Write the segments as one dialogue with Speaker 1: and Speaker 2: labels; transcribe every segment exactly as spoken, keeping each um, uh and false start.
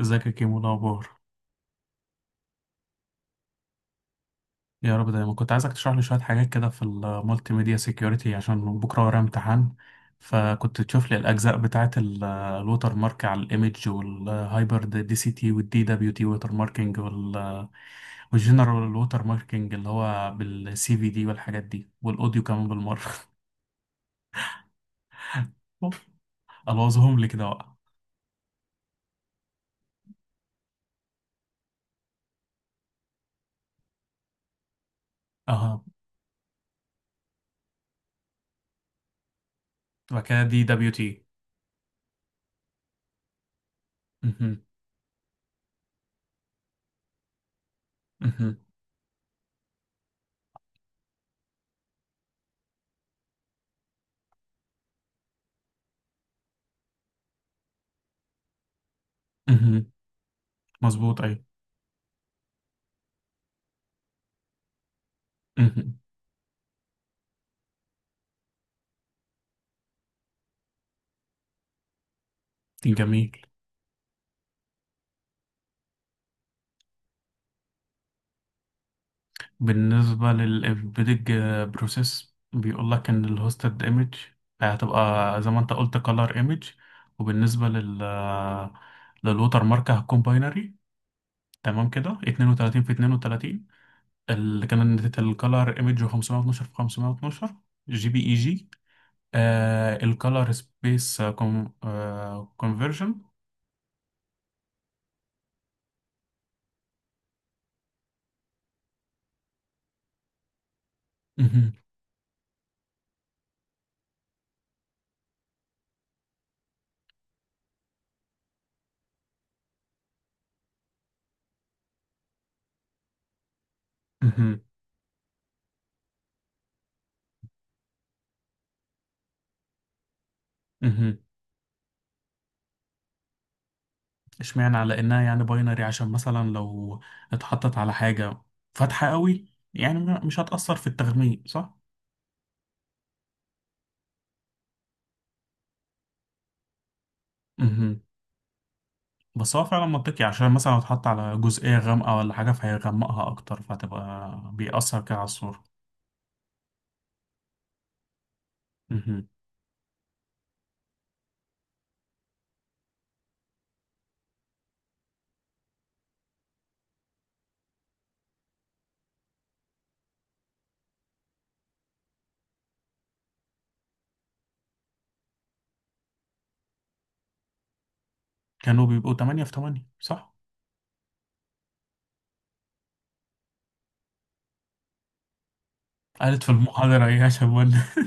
Speaker 1: ازيك يا كيمو؟ إيه الاخبار؟ يا رب دايما. كنت عايزك تشرح لي شويه حاجات كده في المالتي ميديا سيكيورتي عشان بكره ورايا امتحان. فكنت تشوف لي الاجزاء بتاعه ال- الوتر مارك على الايمج والهايبر دي سي تي والدي دبليو تي ووتر ماركينج وال- والجنرال ووتر ماركينج اللي هو بالسي في دي والحاجات دي والاوديو كمان بالمره. الوظهم لي كده بقى. اها، وبعد كده دي دبليو تي. مهم. مهم. مهم. مظبوط، ايوه. مهم. جميل. بالنسبة للإمبيدج بروسيس، بيقول لك إن الهوستد إيمج هتبقى زي ما أنت قلت كلر إيمج، وبالنسبة لل للوتر مارك هتكون باينري. تمام كده اتنين وتلاتين في اثنان وثلاثون، اللي كانت الكلر إيمج خمسمية واتناشر في خمسمية واتناشر جي بي إي جي. الكلر سبيس كونفرجن. اشمعنى، على انها يعني باينري عشان مثلا لو اتحطت على حاجة فاتحة قوي، يعني م- مش هتأثر في التغميق صح؟ امم. بس هو فعلا منطقي، عشان مثلا لو اتحط على جزئية غامقة ولا حاجة فهيغمقها أكتر، فهتبقى بيأثر كده على الصورة. امم. كانوا بيبقوا تمانية في تمانية صح؟ قالت في المحاضرة ايه عشان ولا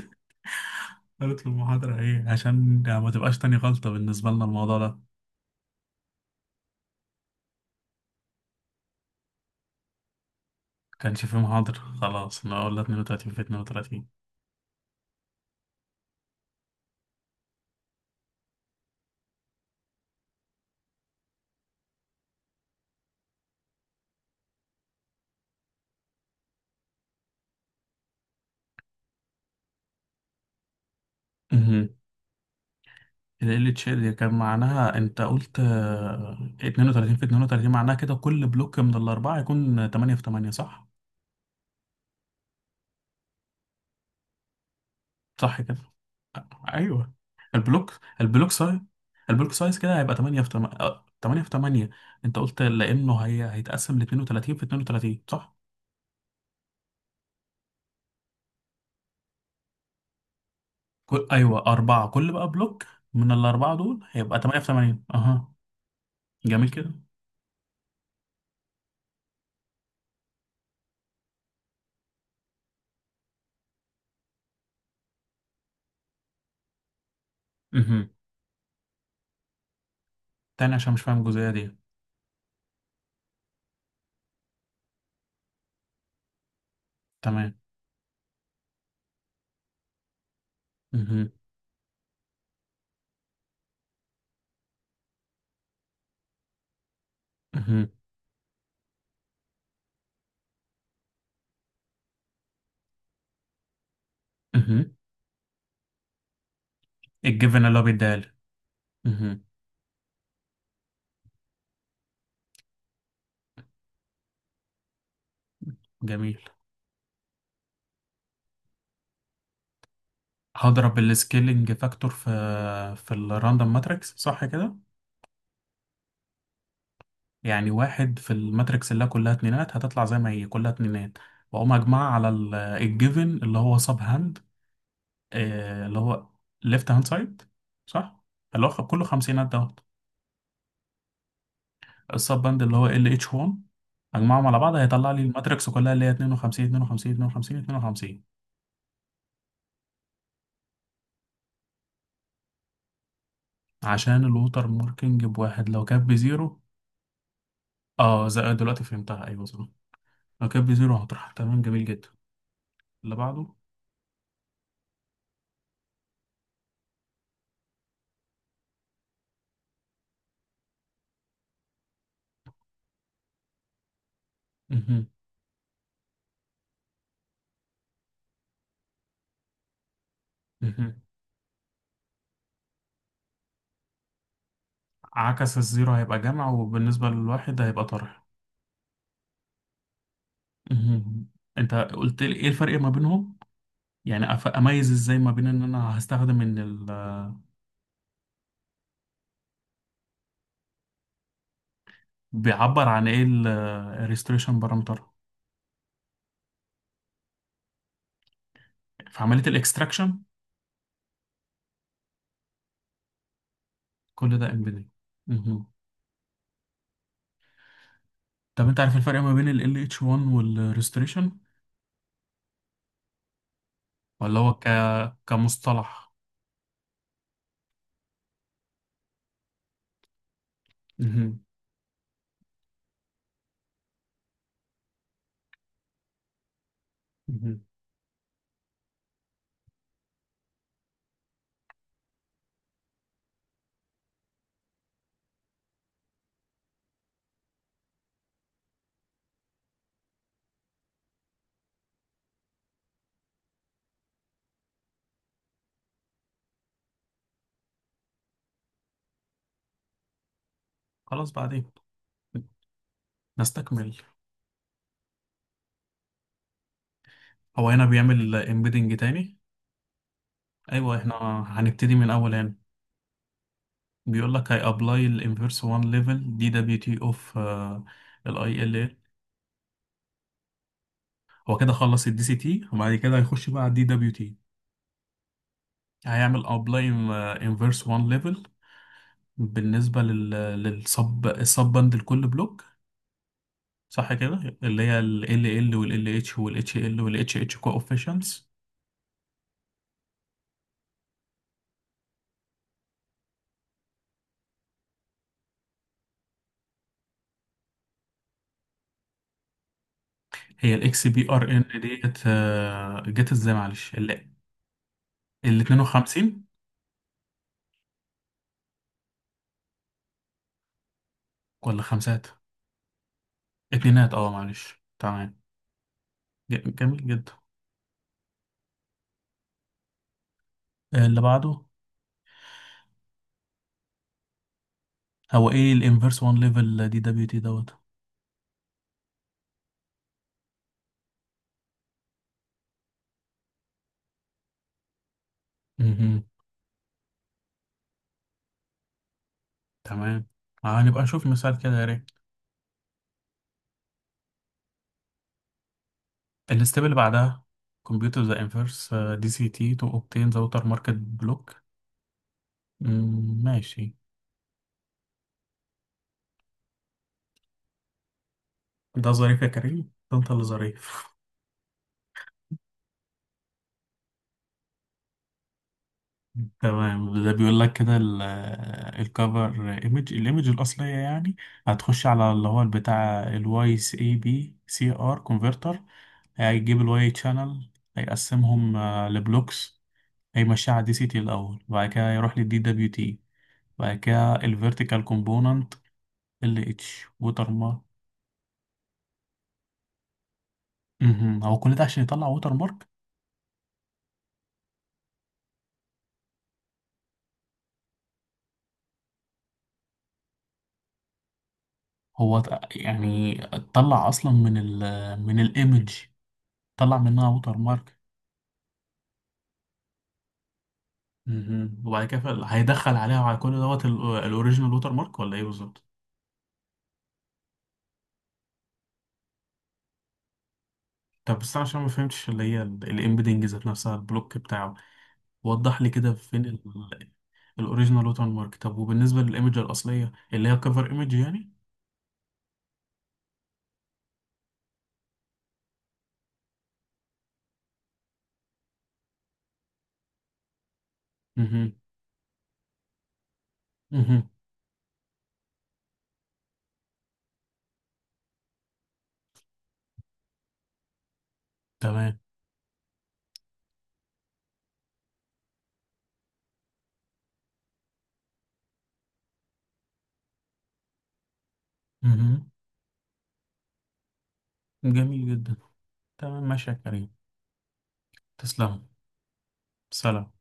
Speaker 1: قالت في المحاضرة ايه، عشان ما تبقاش تاني غلطة بالنسبة لنا الموضوع ده. كانش في محاضرة، خلاص انا قلنا اتنين وتلاتين في اتنين وتلاتين. ال إل إتش إل هي كان معناها انت قلت آه، اتنين وتلاتين في اتنين وتلاتين، معناها كده كل بلوك من الاربعه يكون تمانية في تمانية صح؟ صح كده؟ ايوه، البلوك البلوك سايز. البلوك سايز كده هيبقى تمانية في تمانية. تمانية في تمانية. انت قلت لانه هي هيتقسم ل اتنين وتلاتين في اتنين وتلاتين صح؟ كل... ايوه اربعه. كل بقى بلوك من الاربعه دول هيبقى تمانية في تمانية. اها. جميل كده؟ اها. تاني عشان مش فاهم الجزئيه دي. تمام. اها. اها. اها. الجيفن اللي هو بيديها لي. اها. جميل. هضرب السكيلنج فاكتور في في الراندوم ماتريكس صح كده؟ يعني واحد في الماتريكس اللي كلها اتنينات هتطلع زي ما هي كلها اتنينات، واقوم اجمعها على الجيفن اللي هو سب هاند، اللي هو ليفت هاند سايد صح، اللي هو خ- كله خمسينات دوت. السب هاند اللي هو ال اتش واحد. اجمعهم على بعض هيطلع لي الماتريكس كلها اللي هي اتنين وخمسين اتنين وخمسين اتنين وخمسين اتنين وخمسين. عشان الوتر ماركنج بواحد لو كانت بزيرو. اه زي دلوقتي فهمتها، ايوه صح. لو كانت بزيرو هتروح. تمام جميل جدا. اللي بعده. مهم. مهم. عكس الزيرو هيبقى جمع، وبالنسبة للواحد هيبقى طرح. مهم. انت قلت لي ايه الفرق ما بينهم؟ يعني أف- اميز ازاي ما بين ان انا هستخدم ان ال. بيعبر عن ايه الريستريشن بارامتر في عملية الاكستراكشن؟ كل ده امبيدنج. مهم. طب انت عارف الفرق ما بين ال إل إتش ون والريستريشن، ولا هو ك... كمصطلح؟ مهم. مهم. خلاص بعدين. نستكمل. هو هنا بيعمل امبيدنج تاني. ايوه، احنا هنبتدي من الاول هنا. بيقول لك هي ابلاي الانفيرس واحد ليفل دي دبليو تي اوف الاي ال ال. هو كده خلص الدي سي تي وبعد كده هيخش بقى على الدي دبليو تي. هيعمل ابلاي انفيرس ون ليفل بالنسبه لل للسب السب باند لكل بلوك صح كده؟ اللي هي ال ال ال وال ال اتش وال اتش ال وال اتش اتش كوفيشنتس. هي الاكس بي ار ان ديت آه، جت ازاي؟ معلش، ال ال اتنين وخمسين ولا خمسات؟ اتنينات اه، معلش تمام. ج- جميل جدا. آه، اللي بعده. هو ايه الانفرس ون ليفل دي دبليو تي دوت؟ مهم. تمام. آه، هنبقى نشوف مثال كده يا ريت. الستيب اللي بعدها. كمبيوتر ذا انفرس دي سي تي تو اوبتين ذا ووتر ماركت بلوك. ماشي. ده ظريف يا كريم، ده انت اللي ظريف. تمام. ده بيقول لك كده ال- الكفر ايمج، الايمج الاصليه يعني، هتخش على اللي هو البتاع الواي اي بي سي ار كونفرتر. هيجيب الواي شانل، هيقسمهم آه، لبلوكس، هيمشيها على دي سي تي الاول وبعد كده يروح للدي دبليو تي، وبعد كده الفيرتيكال كومبوننت، ال اتش ووتر مارك. مهم. هو كل ده عشان يطلع ووتر مارك؟ هو ت- يعني طلع اصلا من ال من الايمج، طلع منها ووتر مارك؟ مهم. وبعد كده فال- هيدخل عليها وعلى كل دوت الاوريجينال ووتر مارك، ولا ايه بالظبط؟ طب بس انا عشان ما فهمتش اللي هي الامبيدنج ذات نفسها، البلوك بتاعه وضح لي كده فين الاوريجينال ووتر مارك. طب وبالنسبه للايمج الاصليه اللي هي كفر ايمج يعني. مهم. مهم. تمام. مهم. جميل جدا. تمام ماشي يا كريم. تسلم. سلام.